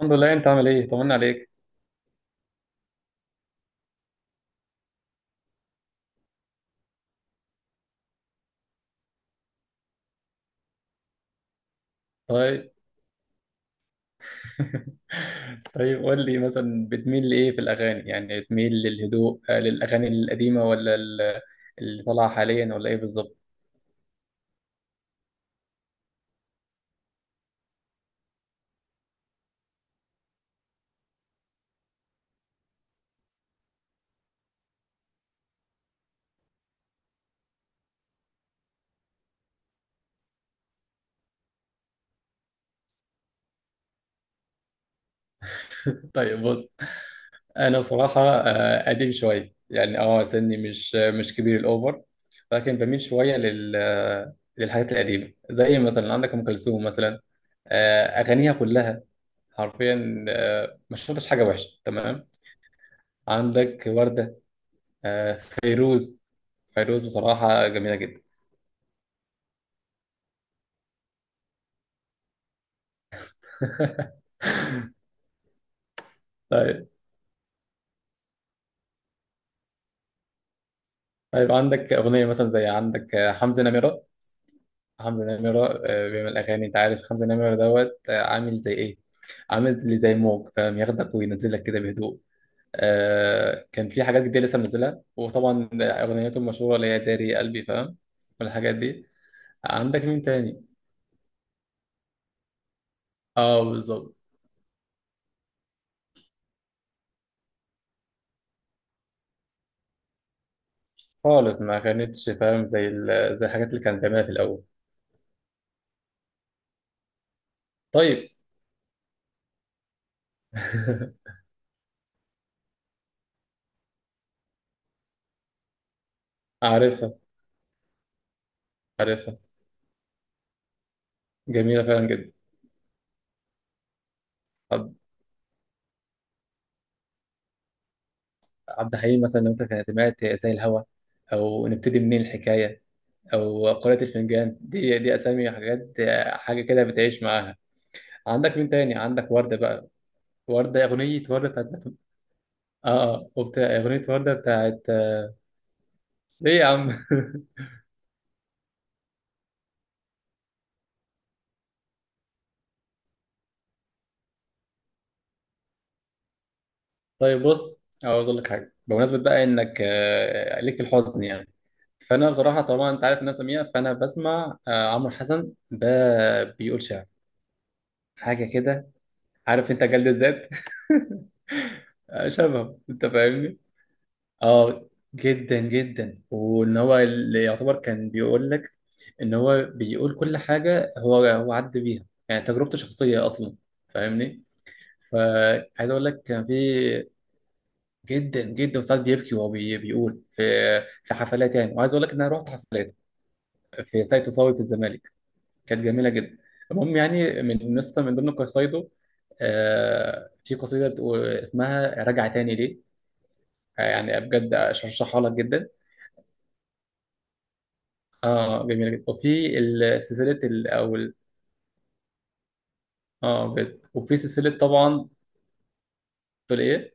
الحمد لله، انت عامل ايه؟ طمنا عليك. طيب. طيب، قول لي مثلا بتميل لايه في الاغاني؟ يعني بتميل للهدوء للاغاني القديمه، ولا اللي طالعه حاليا، ولا ايه بالظبط؟ طيب، بص. انا بصراحه قديم شويه، يعني سني مش كبير الاوفر. لكن بميل شويه لل آه، للحاجات القديمه، زي مثلا عندك ام كلثوم مثلا. اغانيها كلها، حرفيا، ما شفتش حاجه وحشه. تمام. عندك وردة، فيروز. فيروز بصراحة جميلة جدا. طيب. طيب، عندك أغنية مثلا زي عندك حمزة نمرة. حمزة نمرة بيعمل أغاني. أنت عارف حمزة نمرة دوت عامل زي إيه؟ عامل اللي زي موج، فاهم؟ ياخدك وينزلك كده بهدوء. كان في حاجات جديدة لسه منزلها، وطبعا أغنيته المشهورة اللي هي داري قلبي، فاهم؟ والحاجات دي. عندك مين تاني؟ اه، بالظبط. خالص، ما كانتش فاهم زي الحاجات اللي كان بيعملها في الأول. طيب. عارفها، عارفها. جميلة فعلا جدا. عبد عبد الحليم مثلا، لو انت كان سمعت زي الهوا، او نبتدي منين الحكاية، او قارئة الفنجان. دي اسامي حاجات، حاجة كده بتعيش معاها. عندك مين تاني؟ عندك وردة بقى. وردة، اغنية وردة بتاعت... اه، اه، وبتاع اغنية وردة بتاعت... ليه يا عم؟ طيب، بص. عاوز اقول لك حاجة بمناسبة بقى، انك ليك في الحزن، يعني. فانا بصراحة، طبعا انت عارف ان انا سميع. فانا بسمع عمرو حسن ده، بيقول شعر. حاجة كده، عارف انت؟ جلد الذات، شبه. انت فاهمني؟ اه، جدا جدا. وان هو اللي يعتبر كان بيقول لك، ان هو بيقول كل حاجه هو هو عدى بيها، يعني تجربته شخصيه اصلا. فاهمني؟ فعايز اقول لك، كان في... جدا جدا ساعات بيبكي وهو بيقول في... في حفلات يعني، وعايز اقول لك ان انا رحت حفلات في ساقية تصاوي في الزمالك. كانت جميله جدا. المهم، يعني من نسخه من ضمن قصايده، في قصيده بتقول اسمها راجع تاني ليه، يعني بجد ارشحها لك جدا. اه، جميله جدا. وفي سلسله او اه، بجد. وفي سلسله طبعا. تقول ايه؟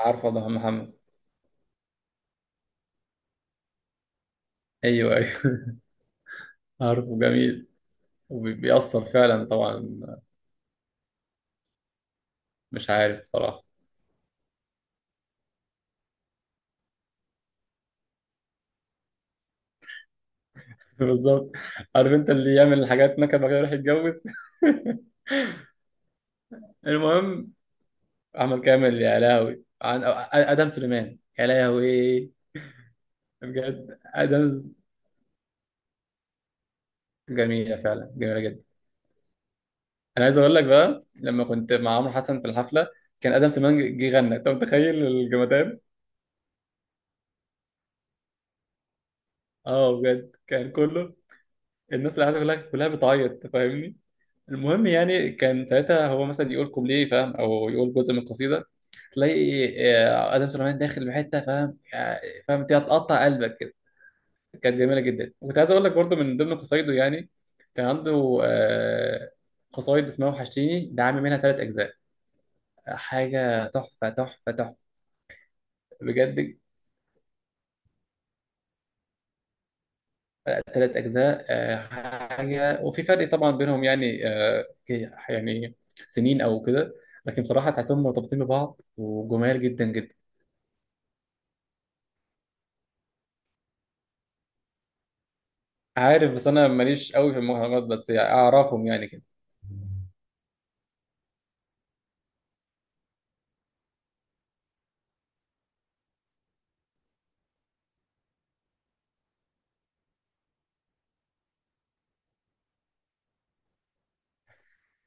عارفه، ده محمد. ايوه، ايوه. عارفه، جميل. وبيأثر فعلا طبعا. مش عارف صراحه. بالظبط. عارف، انت اللي يعمل الحاجات نكد بعد كده يروح يتجوز. المهم، احمد كامل يا لهوي. عن ادم سليمان يا لهوي. بجد، ادم. جميله فعلا، جميله جدا. انا عايز اقول لك بقى، لما كنت مع عمرو حسن في الحفله، كان ادم سليمان جه غنى. انت متخيل الجمدان؟ اه، بجد كان كله... الناس اللي قاعده كلها كلها بتعيط. أنت فاهمني؟ المهم، يعني كان ساعتها هو مثلا يقول كوبليه، فاهم؟ او يقول جزء من القصيده، تلاقي ادم سليمان داخل بحته، فاهم؟ فاهم؟ انت هتقطع قلبك كده. كانت جميله جدا. وكنت عايز اقول لك برضو من ضمن قصايده يعني، كان عنده قصايد اسمها وحشتيني، ده عامل منها ثلاث اجزاء. حاجه تحفه تحفه تحفه. بجد. ثلاث أجزاء، حاجة. وفي فرق طبعا بينهم يعني، يعني سنين أو كده. لكن بصراحة تحسهم مرتبطين ببعض، وجمال جدا جدا. عارف، بس أنا ماليش قوي في المهرجانات، بس يعني أعرفهم يعني كده.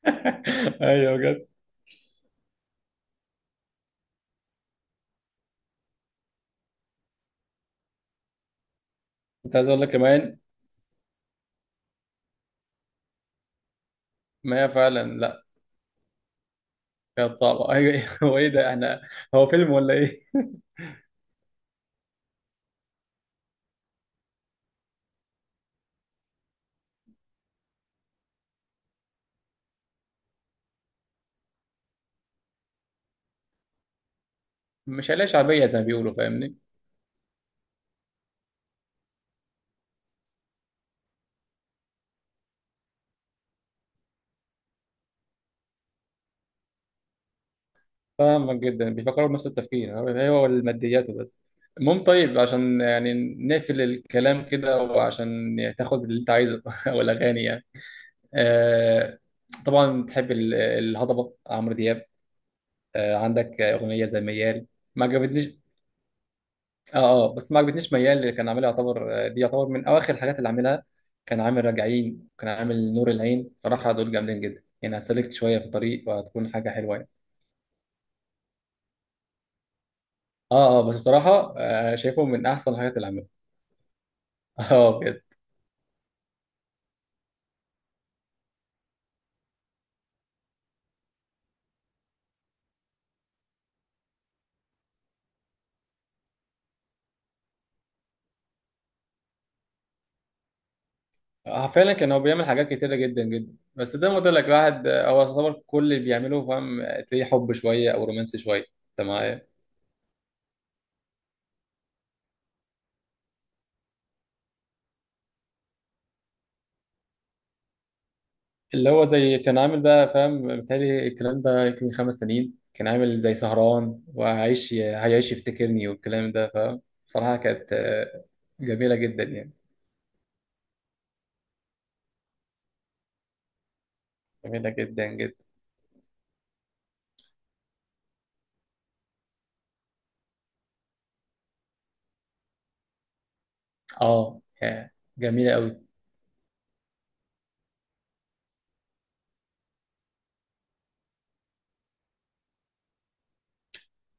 أيوه، بجد. كنت عايز أقول لك كمان. ما هي فعلا، لا. كانت صعبة، أيوه. هو إيه ده؟ إحنا، هو فيلم ولا إيه؟ مش عليها شعبية زي ما بيقولوا، فاهمني؟ فاهمك. جدا بيفكروا بنفس التفكير، هو هو الماديات وبس. المهم، طيب، عشان يعني نقفل الكلام كده، وعشان تاخد اللي انت عايزه. او الاغاني يعني، آه طبعا بتحب الهضبه عمرو دياب. عندك اغنيه زي ميال. ما عجبتنيش. اه. اه، بس ما عجبتنيش ميال. اللي كان عاملها يعتبر دي يعتبر من اواخر الحاجات اللي عاملها. كان عامل راجعين، كان عامل نور العين. صراحه دول جامدين جدا يعني. هسلكت شويه في الطريق وهتكون حاجه حلوه يعني. اه، اه، بس بصراحه شايفهم من احسن الحاجات اللي عملها. اه، بجد. فعلا كان هو بيعمل حاجات كتيرة جدا جدا. بس زي ما قلت لك، الواحد هو يعتبر كل اللي بيعمله، فاهم؟ تلاقيه حب شوية أو رومانسي شوية. أنت معايا؟ اللي هو زي كان عامل بقى، فاهم؟ بالتالي الكلام ده يمكن من 5 سنين. كان عامل زي سهران وهيعيش هيعيش يفتكرني والكلام ده، فاهم؟ صراحة كانت جميلة جدا يعني. جميلة جدا جدا. اه، جميلة قوي.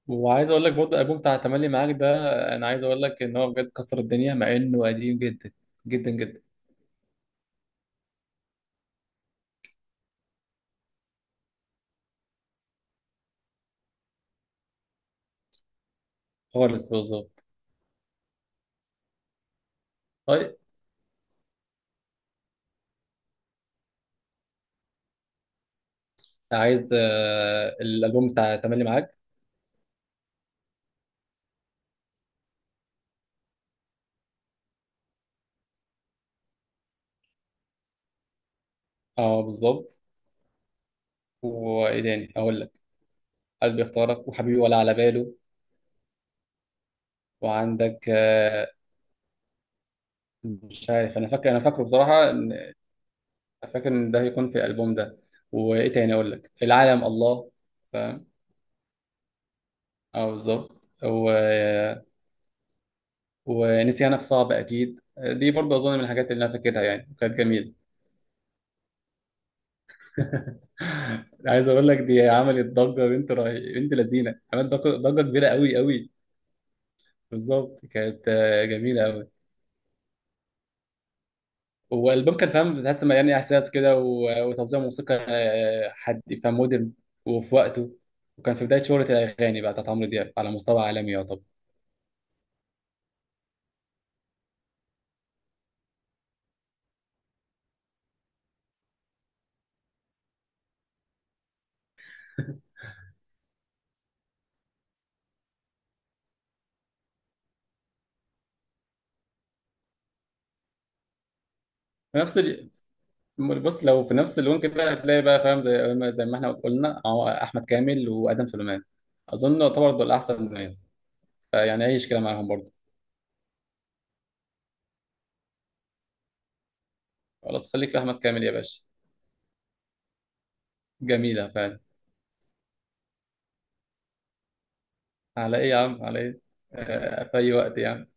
وعايز اقول لك برضه، الالبوم بتاع تملي معاك ده، انا عايز اقول لك ان هو بجد كسر الدنيا، مع انه قديم جدا، جدا جدا. خالص، بالظبط. طيب، عايز الالبوم بتاع تملي معاك. اه، بالظبط. وايه تاني اقول لك؟ قلبي اختارك، وحبيبي ولا على باله. وعندك مش عارف. انا فاكره بصراحه فاكر ان ده هيكون في الالبوم ده. وايه تاني اقول لك؟ العالم الله، فاهم؟ اه، بالظبط و... ونسيانك صعب، اكيد دي برضه اظن من الحاجات اللي انا فاكرها يعني، كانت جميله. عايز اقول لك، دي عملت ضجه. بنت لذينه عملت ضجه، ضجة كبيره قوي قوي. بالظبط، كانت جميله قوي. والالبوم كان، فاهم؟ تحس إنه يعني احساس كده وتوزيع موسيقى حد، فاهم؟ مودرن. وفي وقته، وكان في بدايه شهره، الاغاني بقى بتاعت عمرو دياب على مستوى عالمي يعتبر. في نفس ال... بص، لو في نفس اللون كده هتلاقي بقى، فاهم؟ زي ما احنا قلنا أهو، احمد كامل وادم سليمان. اظن يعتبر دول احسن ناس، فيعني عيش كده معاهم برضه. خلاص، خليك في احمد كامل يا باشا. جميله فعلا. على ايه يا عم، على ايه؟ في اي وقت يعني.